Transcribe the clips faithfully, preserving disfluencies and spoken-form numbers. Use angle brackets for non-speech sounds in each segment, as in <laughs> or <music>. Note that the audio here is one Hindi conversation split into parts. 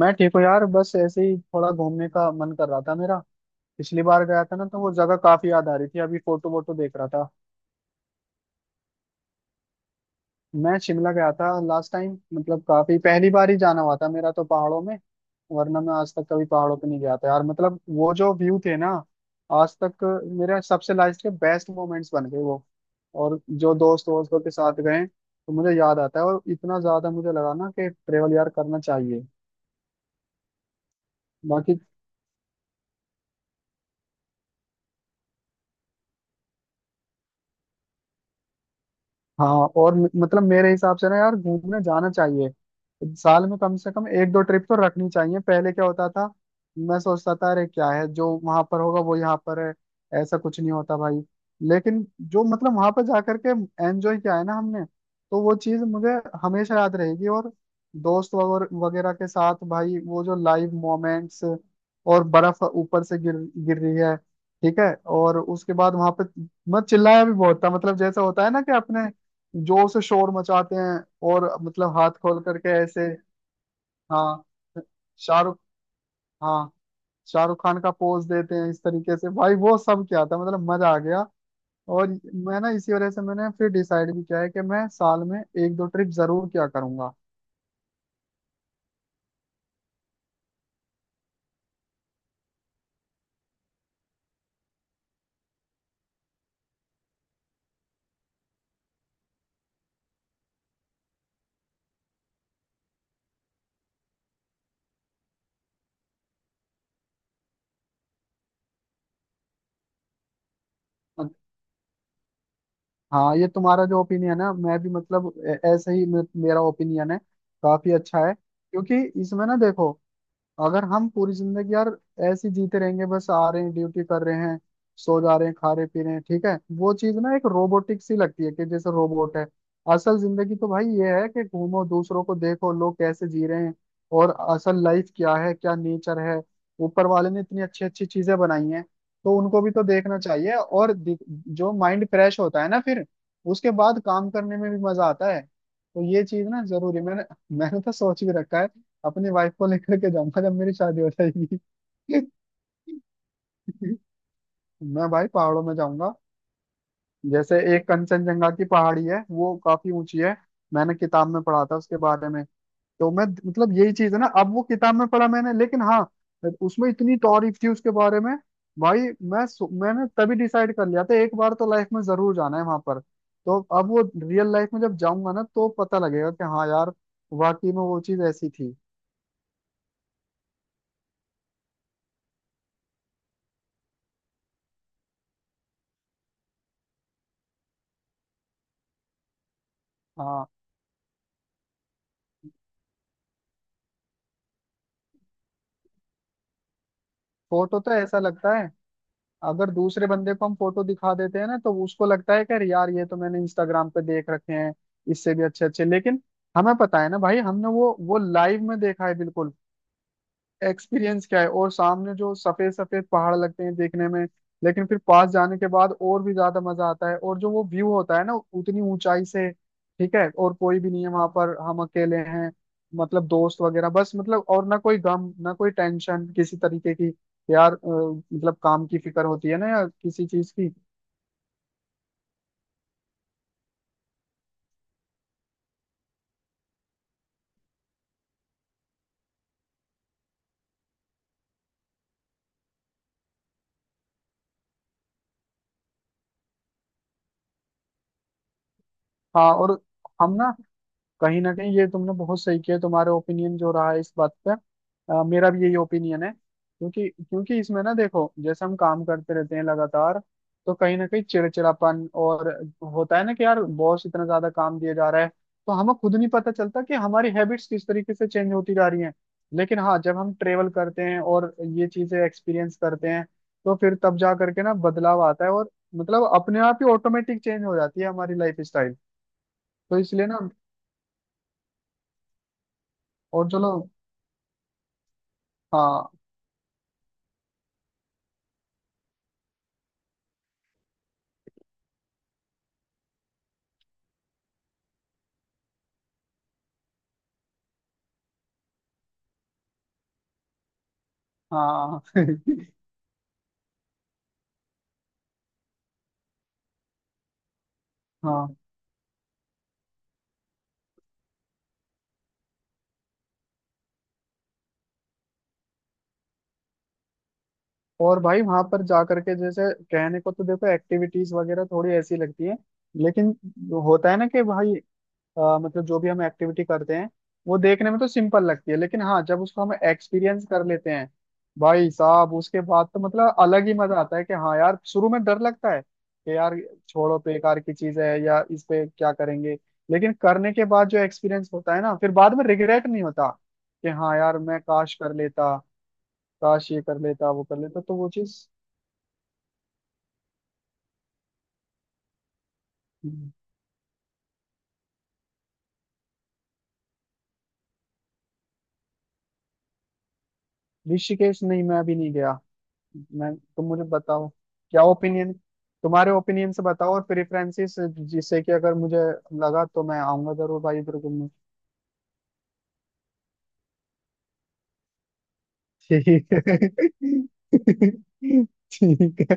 मैं ठीक हूँ यार, बस ऐसे ही थोड़ा घूमने का मन कर रहा था मेरा। पिछली बार गया था ना तो वो जगह काफी याद आ रही थी, अभी फोटो वोटो देख रहा था। मैं शिमला गया था लास्ट टाइम, मतलब काफी पहली बार ही जाना हुआ था मेरा तो पहाड़ों में। वरना मैं आज तक कभी पहाड़ों पे नहीं गया था यार। मतलब वो जो व्यू थे ना, आज तक मेरे सबसे लाइफ के बेस्ट मोमेंट्स बन गए वो। और जो दोस्त दोस्तों के साथ गए तो मुझे याद आता है, और इतना ज्यादा मुझे लगा ना कि ट्रेवल यार करना चाहिए बाकी। हाँ। और म- मतलब मेरे हिसाब से ना यार घूमने जाना चाहिए। साल में कम से कम एक दो ट्रिप तो रखनी चाहिए। पहले क्या होता था, मैं सोचता था अरे क्या है जो वहां पर होगा वो यहाँ पर है। ऐसा कुछ नहीं होता भाई। लेकिन जो मतलब वहां पर जाकर के एंजॉय किया है ना हमने, तो वो चीज मुझे हमेशा याद रहेगी। और दोस्त वगर- वगैरह के साथ भाई वो जो लाइव मोमेंट्स, और बर्फ ऊपर से गिर गिर रही है, ठीक है। और उसके बाद वहां पे मैं चिल्लाया भी बहुत था, मतलब जैसा होता है ना कि अपने जोर से शोर मचाते हैं। और मतलब हाथ खोल करके ऐसे, हाँ, शाहरुख, हाँ, शाहरुख खान का पोज देते हैं इस तरीके से भाई। वो सब क्या था, मतलब मजा आ गया। और मैं ना इसी वजह से मैंने फिर डिसाइड भी किया है कि मैं साल में एक दो ट्रिप जरूर क्या करूंगा। हाँ, ये तुम्हारा जो ओपिनियन है, मैं भी मतलब ए- ऐसे ही मे- मेरा ओपिनियन है, काफी अच्छा है। क्योंकि इसमें ना देखो, अगर हम पूरी जिंदगी यार ऐसे ही जीते रहेंगे, बस आ रहे हैं, ड्यूटी कर रहे हैं, सो जा रहे हैं, खा रहे पी रहे हैं, ठीक है, वो चीज ना एक रोबोटिक सी लगती है कि जैसे रोबोट है। असल जिंदगी तो भाई ये है कि घूमो, दूसरों को देखो लोग कैसे जी रहे हैं, और असल लाइफ क्या है, क्या नेचर है। ऊपर वाले ने इतनी अच्छी अच्छी चीजें बनाई हैं, तो उनको भी तो देखना चाहिए। और दि- जो माइंड फ्रेश होता है ना फिर, उसके बाद काम करने में भी मजा आता है। तो ये चीज ना जरूरी, मैंने मैंने तो सोच भी रखा है, अपनी वाइफ को लेकर के जाऊंगा जब मेरी शादी हो जाएगी। <laughs> मैं भाई पहाड़ों में जाऊंगा। जैसे एक कंचनजंगा की पहाड़ी है, वो काफी ऊंची है, मैंने किताब में पढ़ा था उसके बारे में। तो मैं मतलब यही चीज है ना, अब वो किताब में पढ़ा मैंने, लेकिन हाँ, उसमें इतनी तारीफ थी उसके बारे में भाई। मैं सो- मैंने तभी डिसाइड कर लिया था, एक बार तो लाइफ में जरूर जाना है वहां पर। तो अब वो रियल लाइफ में जब जाऊंगा ना, तो पता लगेगा कि हाँ यार, वाकई में वो चीज ऐसी थी। हाँ, फोटो तो ऐसा लगता है, अगर दूसरे बंदे को हम फोटो दिखा देते हैं ना तो उसको लगता है कि अरे यार, ये तो मैंने इंस्टाग्राम पे देख रखे हैं, इससे भी अच्छे अच्छे। लेकिन हमें पता है ना भाई, हमने वो वो लाइव में देखा है। बिल्कुल एक्सपीरियंस क्या है। और सामने जो सफेद सफेद पहाड़ लगते हैं देखने में, लेकिन फिर पास जाने के बाद और भी ज्यादा मजा आता है। और जो वो व्यू होता है ना, उतनी ऊंचाई से, ठीक है, और कोई भी नहीं है वहां पर, हम अकेले हैं, मतलब दोस्त वगैरह बस। मतलब और ना कोई गम, ना कोई टेंशन किसी तरीके की यार। अ, मतलब काम की फिक्र होती है ना, या किसी चीज की। हाँ। और हम ना कहीं ना कहीं, ये तुमने बहुत सही किया, तुम्हारा ओपिनियन जो रहा है इस बात पे, अ, मेरा भी यही ओपिनियन है। क्योंकि क्योंकि इसमें ना देखो, जैसे हम काम करते रहते हैं लगातार, तो कहीं ना कहीं चिड़चिड़ापन और होता है ना कि यार बॉस इतना ज्यादा काम दिया जा रहा है। तो हमें खुद नहीं पता चलता कि हमारी हैबिट्स किस तरीके से चेंज होती जा रही हैं। लेकिन हाँ जब हम ट्रेवल करते हैं और ये चीजें एक्सपीरियंस करते हैं, तो फिर तब जा करके ना बदलाव आता है। और मतलब अपने आप ही ऑटोमेटिक चेंज हो जाती है हमारी लाइफ स्टाइल। तो इसलिए ना, और चलो, हाँ, हाँ, <laughs> हाँ। और भाई वहां पर जा करके, जैसे कहने को तो देखो एक्टिविटीज वगैरह थोड़ी ऐसी लगती है, लेकिन होता है ना कि भाई, अ, मतलब जो भी हम एक्टिविटी करते हैं, वो देखने में तो सिंपल लगती है, लेकिन हाँ जब उसको हम एक्सपीरियंस कर लेते हैं, भाई साहब उसके बाद तो मतलब अलग ही मजा आता है। कि हाँ यार, शुरू में डर लगता है कि यार छोड़ो, बेकार की चीज है, या इस पे क्या करेंगे। लेकिन करने के बाद जो एक्सपीरियंस होता है ना, फिर बाद में रिग्रेट नहीं होता कि हाँ यार, मैं काश कर लेता, काश ये कर लेता वो कर लेता, तो वो चीज। ऋषिकेश नहीं, मैं अभी नहीं गया। मैं तुम मुझे बताओ, क्या ओपिनियन, तुम्हारे ओपिनियन से बताओ और प्रेफरेंसेस, जिससे कि अगर मुझे लगा तो मैं आऊंगा जरूर भाई इधर घूमने। ठीक है। <laughs> ठीक है।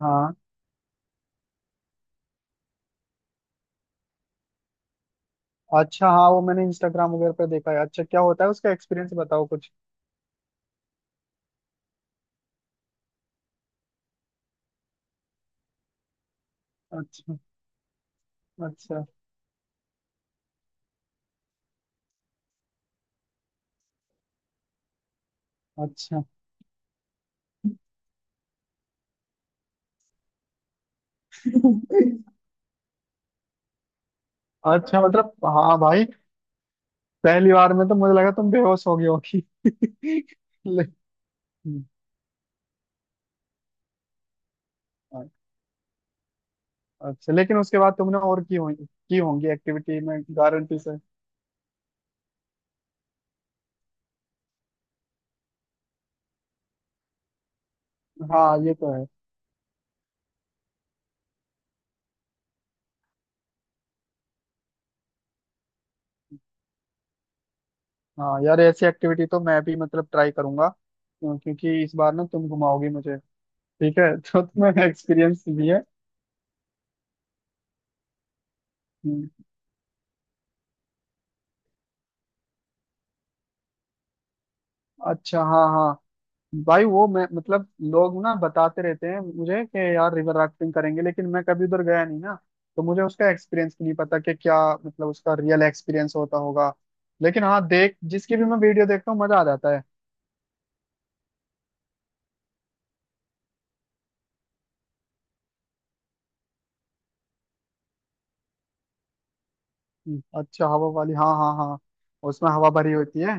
हाँ। अच्छा, हाँ वो मैंने इंस्टाग्राम वगैरह पर देखा है। अच्छा क्या होता है, उसका एक्सपीरियंस बताओ कुछ। अच्छा। अच्छा। अच्छा। <laughs> अच्छा, मतलब हाँ भाई, पहली बार में तो मुझे लगा तुम बेहोश हो गई होगी। <laughs> लेकिन अच्छा, लेकिन उसके बाद तुमने और की होंगी, की होंगी एक्टिविटी में गारंटी से। हाँ ये तो है। हाँ यार, ऐसी एक्टिविटी तो मैं भी मतलब ट्राई करूंगा, क्यों- क्योंकि इस बार ना तुम घुमाओगी मुझे। ठीक है। <laughs> तो तुम्हें एक्सपीरियंस भी है। हम्म, अच्छा हाँ हाँ, भाई वो मैं मतलब लोग ना बताते रहते हैं मुझे कि यार रिवर राफ्टिंग करेंगे, लेकिन मैं कभी उधर गया नहीं ना। तो मुझे उसका एक्सपीरियंस भी नहीं पता कि क्या मतलब उसका रियल एक्सपीरियंस होता होगा। लेकिन हाँ, देख जिसकी भी मैं वीडियो देखता हूँ मजा आ जाता है। हम्म, अच्छा, हवा वाली, हाँ हाँ हाँ, उसमें हवा भरी होती है।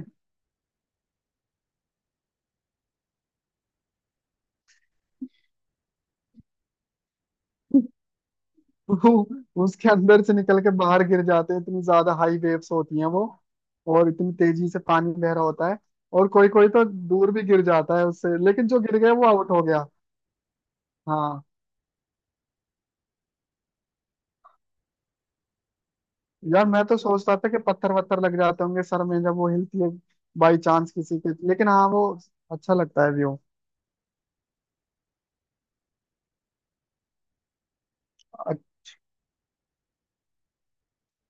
<laughs> उसके अंदर से निकल के बाहर गिर जाते हैं, इतनी ज्यादा हाई वेव्स होती हैं वो। और इतनी तेजी से पानी बह रहा होता है, और कोई कोई तो दूर भी गिर जाता है उससे, लेकिन जो गिर गया वो आउट हो गया। हाँ। यार मैं तो सोचता था कि पत्थर वत्थर लग जाते होंगे सर में जब वो हिलती है, बाई चांस किसी के। लेकिन हाँ वो अच्छा लगता है व्यू।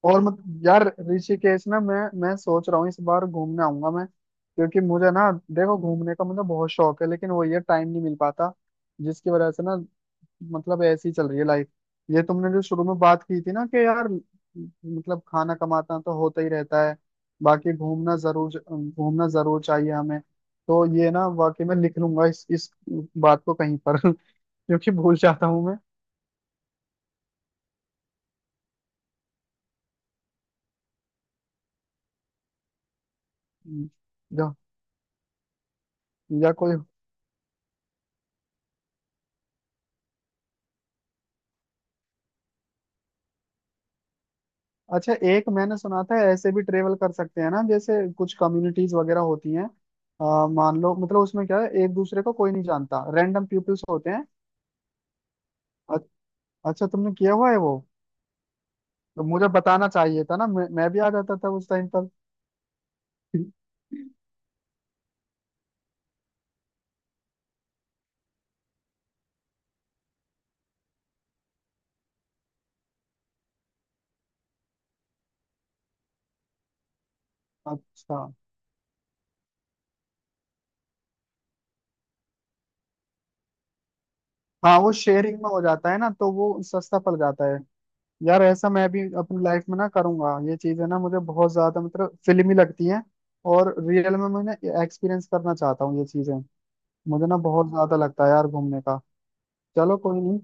और मत, यार ऋषिकेश ना, मैं मैं सोच रहा हूँ इस बार घूमने आऊंगा मैं, क्योंकि मुझे ना देखो घूमने का मुझे बहुत शौक है, लेकिन वो ये टाइम नहीं मिल पाता, जिसकी वजह से ना, मतलब ऐसी चल रही है लाइफ। ये तुमने जो शुरू में बात की थी ना कि यार मतलब, खाना कमाता तो होता ही रहता है बाकी, घूमना जरूर, घूमना जरूर चाहिए हमें। तो ये ना वाकई में लिख लूंगा इस इस बात को कहीं पर। <laughs> क्योंकि भूल जाता हूँ मैं। हम्म, या, या कोई, अच्छा एक मैंने सुना था ऐसे भी ट्रेवल कर सकते हैं ना, जैसे कुछ कम्युनिटीज वगैरह होती हैं, अ, मान लो मतलब, उसमें क्या है, एक दूसरे को कोई नहीं जानता, रैंडम पीपल्स होते हैं। अ- अच्छा, तुमने किया हुआ है वो? तो मुझे बताना चाहिए था ना, मैं, मैं भी आ जाता था उस टाइम पर। अच्छा, हाँ वो शेयरिंग में हो जाता है ना तो वो सस्ता पड़ जाता है। यार ऐसा मैं भी अपनी लाइफ में ना करूंगा, ये चीज है ना मुझे बहुत ज्यादा मतलब फिल्मी लगती है। और रियल में मैं एक्सपीरियंस करना चाहता हूँ ये चीजें। मुझे ना बहुत ज्यादा लगता है यार घूमने का। चलो कोई नहीं।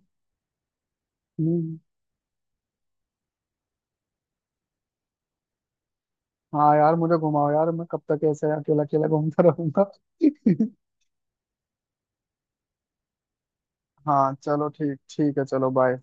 हम्म, हाँ यार मुझे घुमाओ यार, मैं कब तक ऐसे अकेला अकेला घूमता रहूंगा। <laughs> हाँ चलो, ठीक, ठीक है, चलो बाय।